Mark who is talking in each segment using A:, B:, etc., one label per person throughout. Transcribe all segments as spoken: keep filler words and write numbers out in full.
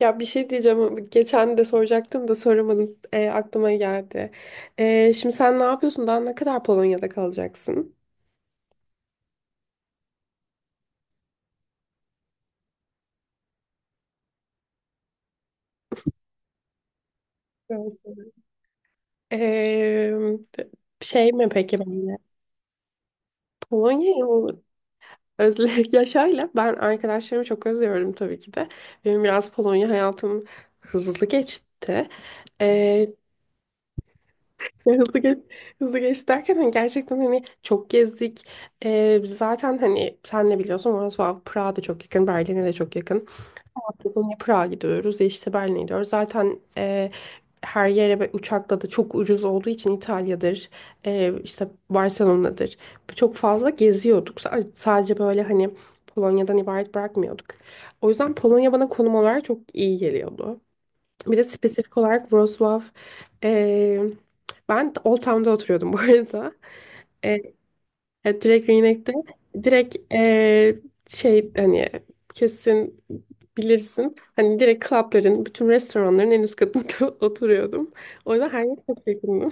A: Ya bir şey diyeceğim. Geçen de soracaktım da soramadım. Ee, aklıma geldi. Ee, şimdi sen ne yapıyorsun? Daha ne kadar Polonya'da kalacaksın? Görsel. Ee, Şey mi peki ben de? Polonya'yı mı özle ya şöyle ben arkadaşlarımı çok özlüyorum tabii ki de. Benim biraz Polonya hayatım hızlı geçti. Ee, ya hızlı geç, Hızlı geçti derken hani gerçekten hani çok gezdik. Ee, zaten hani sen ne biliyorsun, Wrocław, Prag'a da çok yakın, Berlin'e de çok yakın. Bugün Prag'a gidiyoruz, ya işte Berlin'e gidiyoruz. Zaten e, her yere ve uçakla da çok ucuz olduğu için İtalya'dır, e, işte Barcelona'dır. Çok fazla geziyorduk. S- Sadece böyle hani Polonya'dan ibaret bırakmıyorduk. O yüzden Polonya bana konum olarak çok iyi geliyordu. Bir de spesifik olarak Wrocław. e, Ben Old Town'da oturuyordum bu arada. E, Evet, direkt ve inekte direkt eee, şey hani kesin bilirsin. Hani direkt klapların, bütün restoranların en üst katında oturuyordum. O yüzden her yer çok yakındım.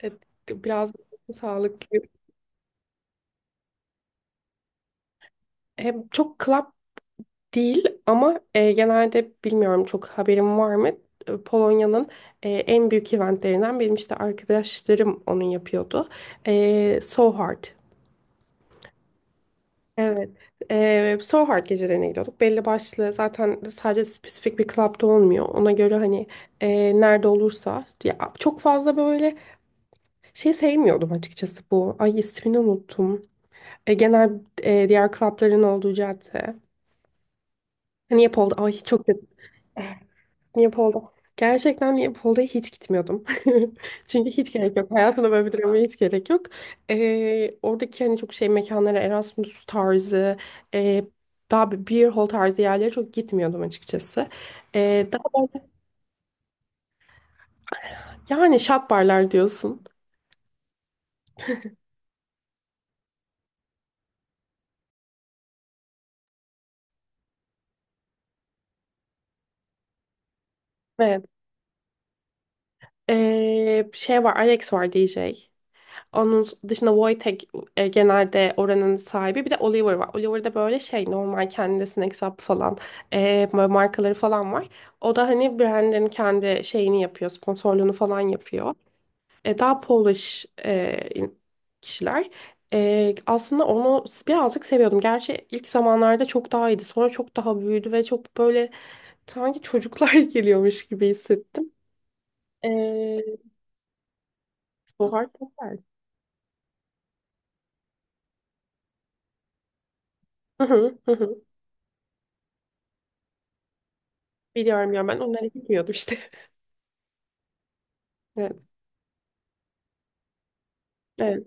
A: Evet, biraz sağlıklı. Hem çok klap değil ama eee, genelde bilmiyorum, çok haberim var mı? E, Polonya'nın e, en büyük eventlerinden benim işte arkadaşlarım onu yapıyordu. E, So Hard. Evet. Ee, Soho Hard gecelerine gidiyorduk. Belli başlı zaten sadece spesifik bir club'da olmuyor. Ona göre hani e, nerede olursa. Ya, çok fazla böyle şey sevmiyordum açıkçası bu. Ay, ismini unuttum. E, genel e, diğer club'ların olduğu cadde. Hani hep oldu. Ay çok kötü. Leopold'a. Gerçekten Leopold'a hiç gitmiyordum. Çünkü hiç gerek yok. Hayatımda böyle bir dramaya hiç gerek yok. Ee, oradaki hani çok şey mekanlara, Erasmus tarzı, e, daha bir beer hall tarzı yerlere çok gitmiyordum açıkçası. Ee, daha böyle yani şat barlar diyorsun. Evet. Ee, şey var, Alex var D J. Onun dışında Wojtek e, genelde oranın sahibi. Bir de Oliver var. Oliver'da böyle şey normal kendi sinek hesabı falan e, böyle markaları falan var. O da hani brandin kendi şeyini yapıyor. Sponsorluğunu falan yapıyor. E, daha Polish e, kişiler. E, aslında onu birazcık seviyordum. Gerçi ilk zamanlarda çok daha iyiydi. Sonra çok daha büyüdü ve çok böyle sanki çocuklar geliyormuş gibi hissettim. E, Sohar Tekel. Hı hı, hı hı. Biliyorum ya, ben onları bilmiyordum işte. Evet, evet.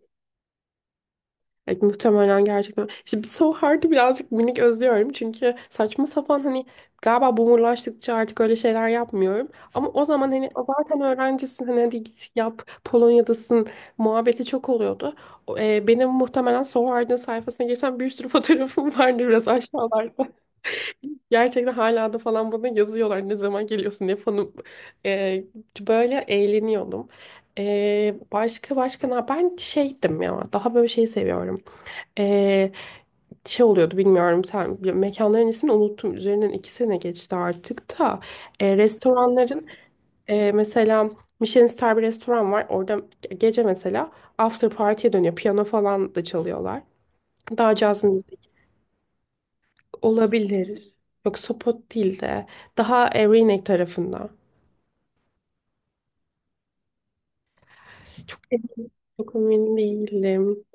A: Evet, muhtemelen gerçekten. İşte bir So Hard'ı birazcık minik özlüyorum. Çünkü saçma sapan hani galiba boomerlaştıkça artık öyle şeyler yapmıyorum. Ama o zaman hani "O zaten öğrencisin hani hadi git yap Polonya'dasın" muhabbeti çok oluyordu. O, e, benim muhtemelen So Hard'ın sayfasına girsem bir sürü fotoğrafım vardı biraz aşağılarda. Gerçekten hala da falan bana yazıyorlar ne zaman geliyorsun diye falan. Ee, Böyle eğleniyordum. Ee, başka başka ne? Ben şeydim ya, daha böyle şey seviyorum. Ee, Şey oluyordu, bilmiyorum sen, mekanların ismini unuttum. Üzerinden iki sene geçti artık da. Ee, restoranların ee, mesela Michelin Star bir restoran var. Orada gece mesela after party'ye dönüyor. Piyano falan da çalıyorlar. Daha caz müzik. Olabilir. Yok Sopot değil de daha Erinek tarafında. Çok emin, çok emin değilim.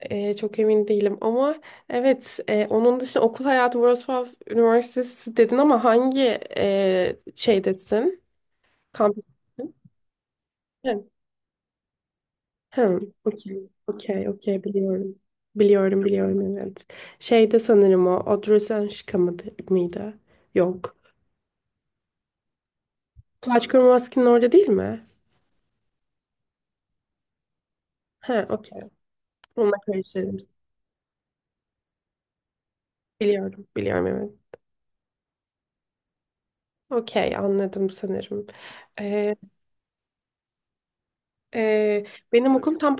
A: Ee, çok emin değilim ama evet, e, onun dışında okul hayatı, Wrocław Üniversitesi dedin ama hangi e, şeydesin? Kampüstesin? Hı, hı, okey, okey, okey, biliyorum. Biliyorum, biliyorum, evet. Şeyde sanırım, o Odrzyńska mıydı? mıydı? Yok. Plaçka Maski'nin orada değil mi? He, okey. Onunla karıştırdım. Biliyorum, biliyorum, evet. Okey, anladım sanırım. Ee, e, benim okulum tam,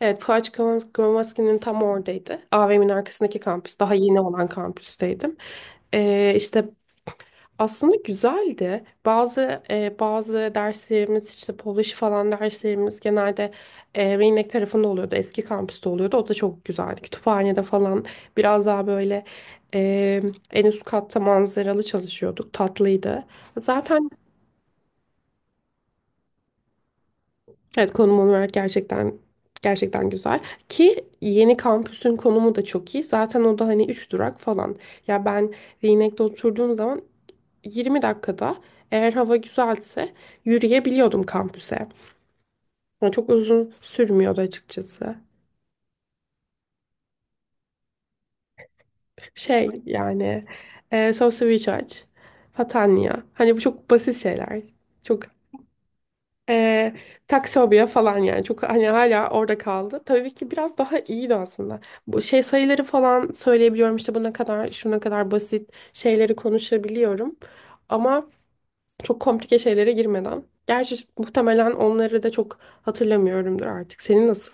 A: evet, Fuaç Gromas- Gromaski'nin tam oradaydı. A V M'nin arkasındaki kampüs, daha yeni olan kampüsteydim. Ee, işte aslında güzeldi. Bazı e, bazı derslerimiz, işte Polish falan derslerimiz, genelde e, Reynek tarafında oluyordu. Eski kampüste oluyordu. O da çok güzeldi. Kütüphanede falan biraz daha böyle e, en üst katta manzaralı çalışıyorduk. Tatlıydı. Zaten evet, konum olarak gerçekten gerçekten güzel, ki yeni kampüsün konumu da çok iyi. Zaten o da hani üç durak falan. Ya ben Reynek'te oturduğum zaman yirmi dakikada, eğer hava güzelse, yürüyebiliyordum kampüse. Yani çok uzun sürmüyordu açıkçası. Şey yani, e, Sosyal Research, Fatania. Hani bu çok basit şeyler. Çok Ee, Taksobia falan, yani çok hani hala orada kaldı. Tabii ki biraz daha iyiydi aslında. Bu şey, sayıları falan söyleyebiliyorum, işte bu ne kadar şuna kadar basit şeyleri konuşabiliyorum. Ama çok komplike şeylere girmeden. Gerçi muhtemelen onları da çok hatırlamıyorumdur artık. Senin nasıl?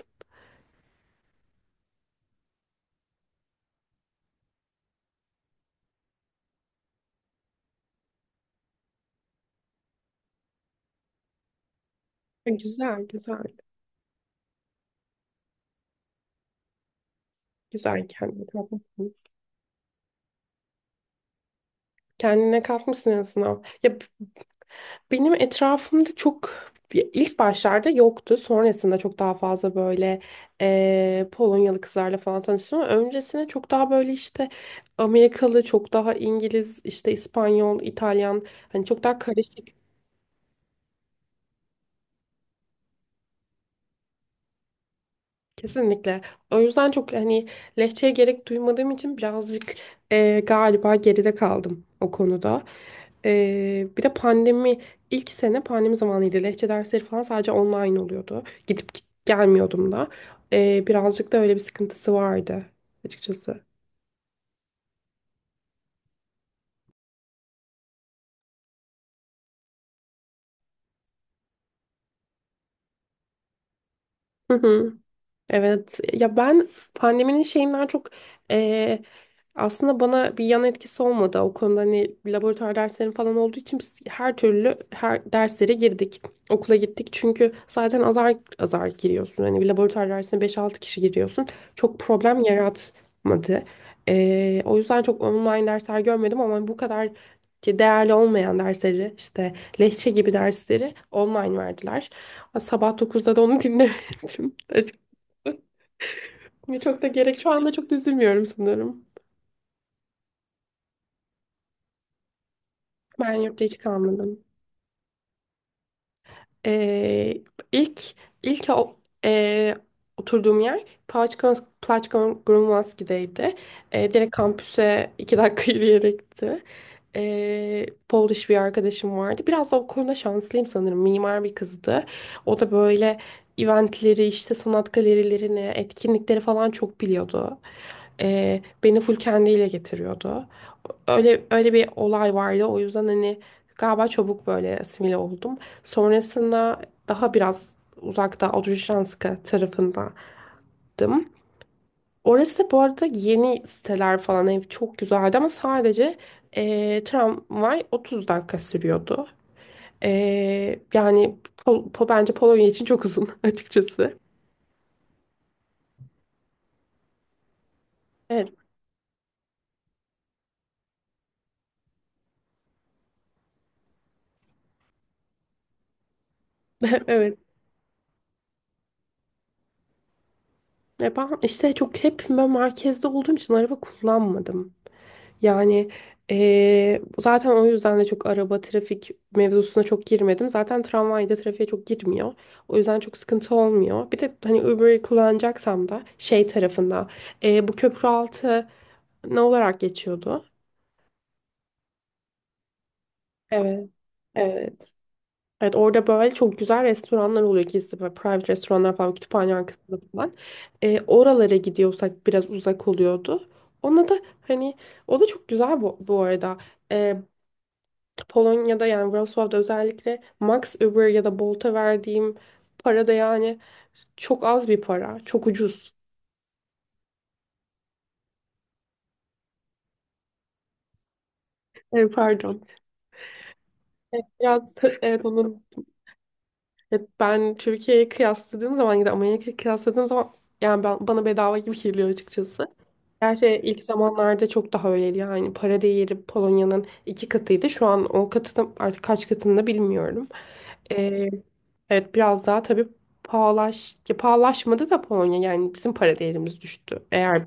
A: Güzel, güzel. Güzel, kendine katmışsın. Kendine katmışsın en azından. Ya, benim etrafımda çok ilk başlarda yoktu. Sonrasında çok daha fazla böyle eee, Polonyalı kızlarla falan tanıştım. Ama öncesinde çok daha böyle işte Amerikalı, çok daha İngiliz, işte İspanyol, İtalyan, hani çok daha karışık. Kesinlikle. O yüzden çok hani lehçeye gerek duymadığım için birazcık e, galiba geride kaldım o konuda. E, bir de pandemi, ilk sene pandemi zamanıydı. Lehçe dersleri falan sadece online oluyordu. Gidip git- gelmiyordum da. E, birazcık da öyle bir sıkıntısı vardı açıkçası. Evet ya, ben pandeminin şeyinden çok eee, aslında bana bir yan etkisi olmadı. O konuda hani laboratuvar derslerim falan olduğu için biz her türlü her derslere girdik. Okula gittik çünkü zaten azar azar giriyorsun. Hani bir laboratuvar dersine beş altı kişi giriyorsun. Çok problem yaratmadı. Eee, o yüzden çok online dersler görmedim ama bu kadar ki değerli olmayan dersleri, işte lehçe gibi dersleri online verdiler. Sabah dokuzda da onu dinlemedim. Ya çok da gerek. Şu anda çok da üzülmüyorum sanırım. Ben yurtta hiç kalmadım. Ee, ilk ilk o, ee, oturduğum yer Plaçkons Plaçkongrumaski'deydi. Ee, direkt kampüse iki dakika yürüyerekti. Ee, Polish bir arkadaşım vardı. Biraz da o konuda şanslıyım sanırım. Mimar bir kızdı. O da böyle eventleri, işte sanat galerilerini, etkinlikleri falan çok biliyordu. Ee, beni full kendiyle getiriyordu. Öyle öyle bir olay vardı. O yüzden hani galiba çabuk böyle asimile oldum. Sonrasında daha biraz uzakta Odrzyjanska tarafındaydım. Orası da bu arada yeni siteler falan, ev çok güzeldi ama sadece eee, tramvay otuz dakika sürüyordu. Eee, yani Pol- Po- bence Polonya için çok uzun açıkçası. Evet, evet. E ben işte çok hep ben merkezde olduğum için araba kullanmadım. Yani eee, zaten o yüzden de çok araba trafik mevzusuna çok girmedim. Zaten tramvayda trafiğe çok girmiyor. O yüzden çok sıkıntı olmuyor. Bir de hani Uber'i kullanacaksam da şey tarafında eee, bu köprü altı ne olarak geçiyordu? Evet, evet. Evet, orada böyle çok güzel restoranlar oluyor, gizli böyle private restoranlar falan, kütüphane arkasında falan. Ee, oralara gidiyorsak biraz uzak oluyordu. Ona da hani o da çok güzel bu, bu arada. Polonya'da, yani Wrocław'da özellikle, Max Uber ya da Bolt'a verdiğim para da yani çok az bir para. Çok ucuz. E, pardon. Evet, biraz evet onun. Ya ben Türkiye'ye kıyasladığım zaman ya da Amerika'ya kıyasladığım zaman, yani ben, bana bedava gibi geliyor açıkçası. Gerçi ilk zamanlarda çok daha öyleydi, yani para değeri Polonya'nın iki katıydı. Şu an o katı da- artık kaç katında bilmiyorum. Ee, evet, biraz daha tabii pahalaş, ya pahalaşmadı da Polonya, yani bizim para değerimiz düştü. Eğer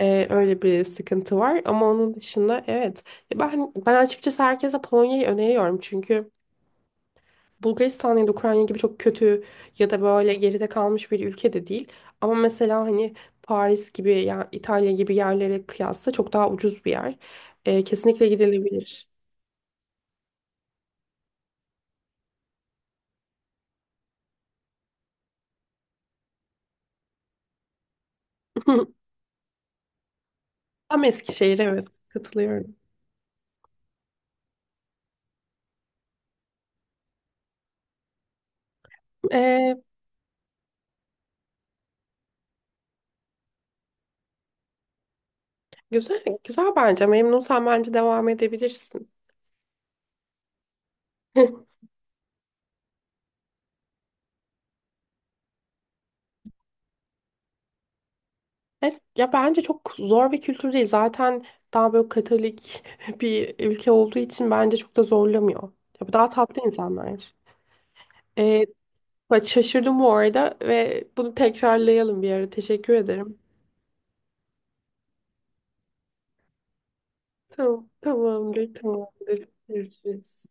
A: e, öyle bir sıkıntı var, ama onun dışında evet. Ya Ben ben açıkçası herkese Polonya'yı öneriyorum, çünkü Bulgaristan ya da Ukrayna gibi çok kötü ya da böyle geride kalmış bir ülke de değil. Ama mesela hani Paris gibi ya İtalya gibi yerlere kıyasla çok daha ucuz bir yer. Ee, kesinlikle gidilebilir. Tam Eskişehir, evet, katılıyorum. Ee, Güzel, güzel, bence memnunsan bence devam edebilirsin. Evet, ya bence çok zor bir kültür değil. Zaten daha böyle Katolik bir ülke olduğu için bence çok da zorlamıyor. Ya bu daha tatlı insanlar. Bak şaşırdım bu arada, ve bunu tekrarlayalım bir ara. Teşekkür ederim. Tamam, tamamdır, tamamdır. Görüşürüz.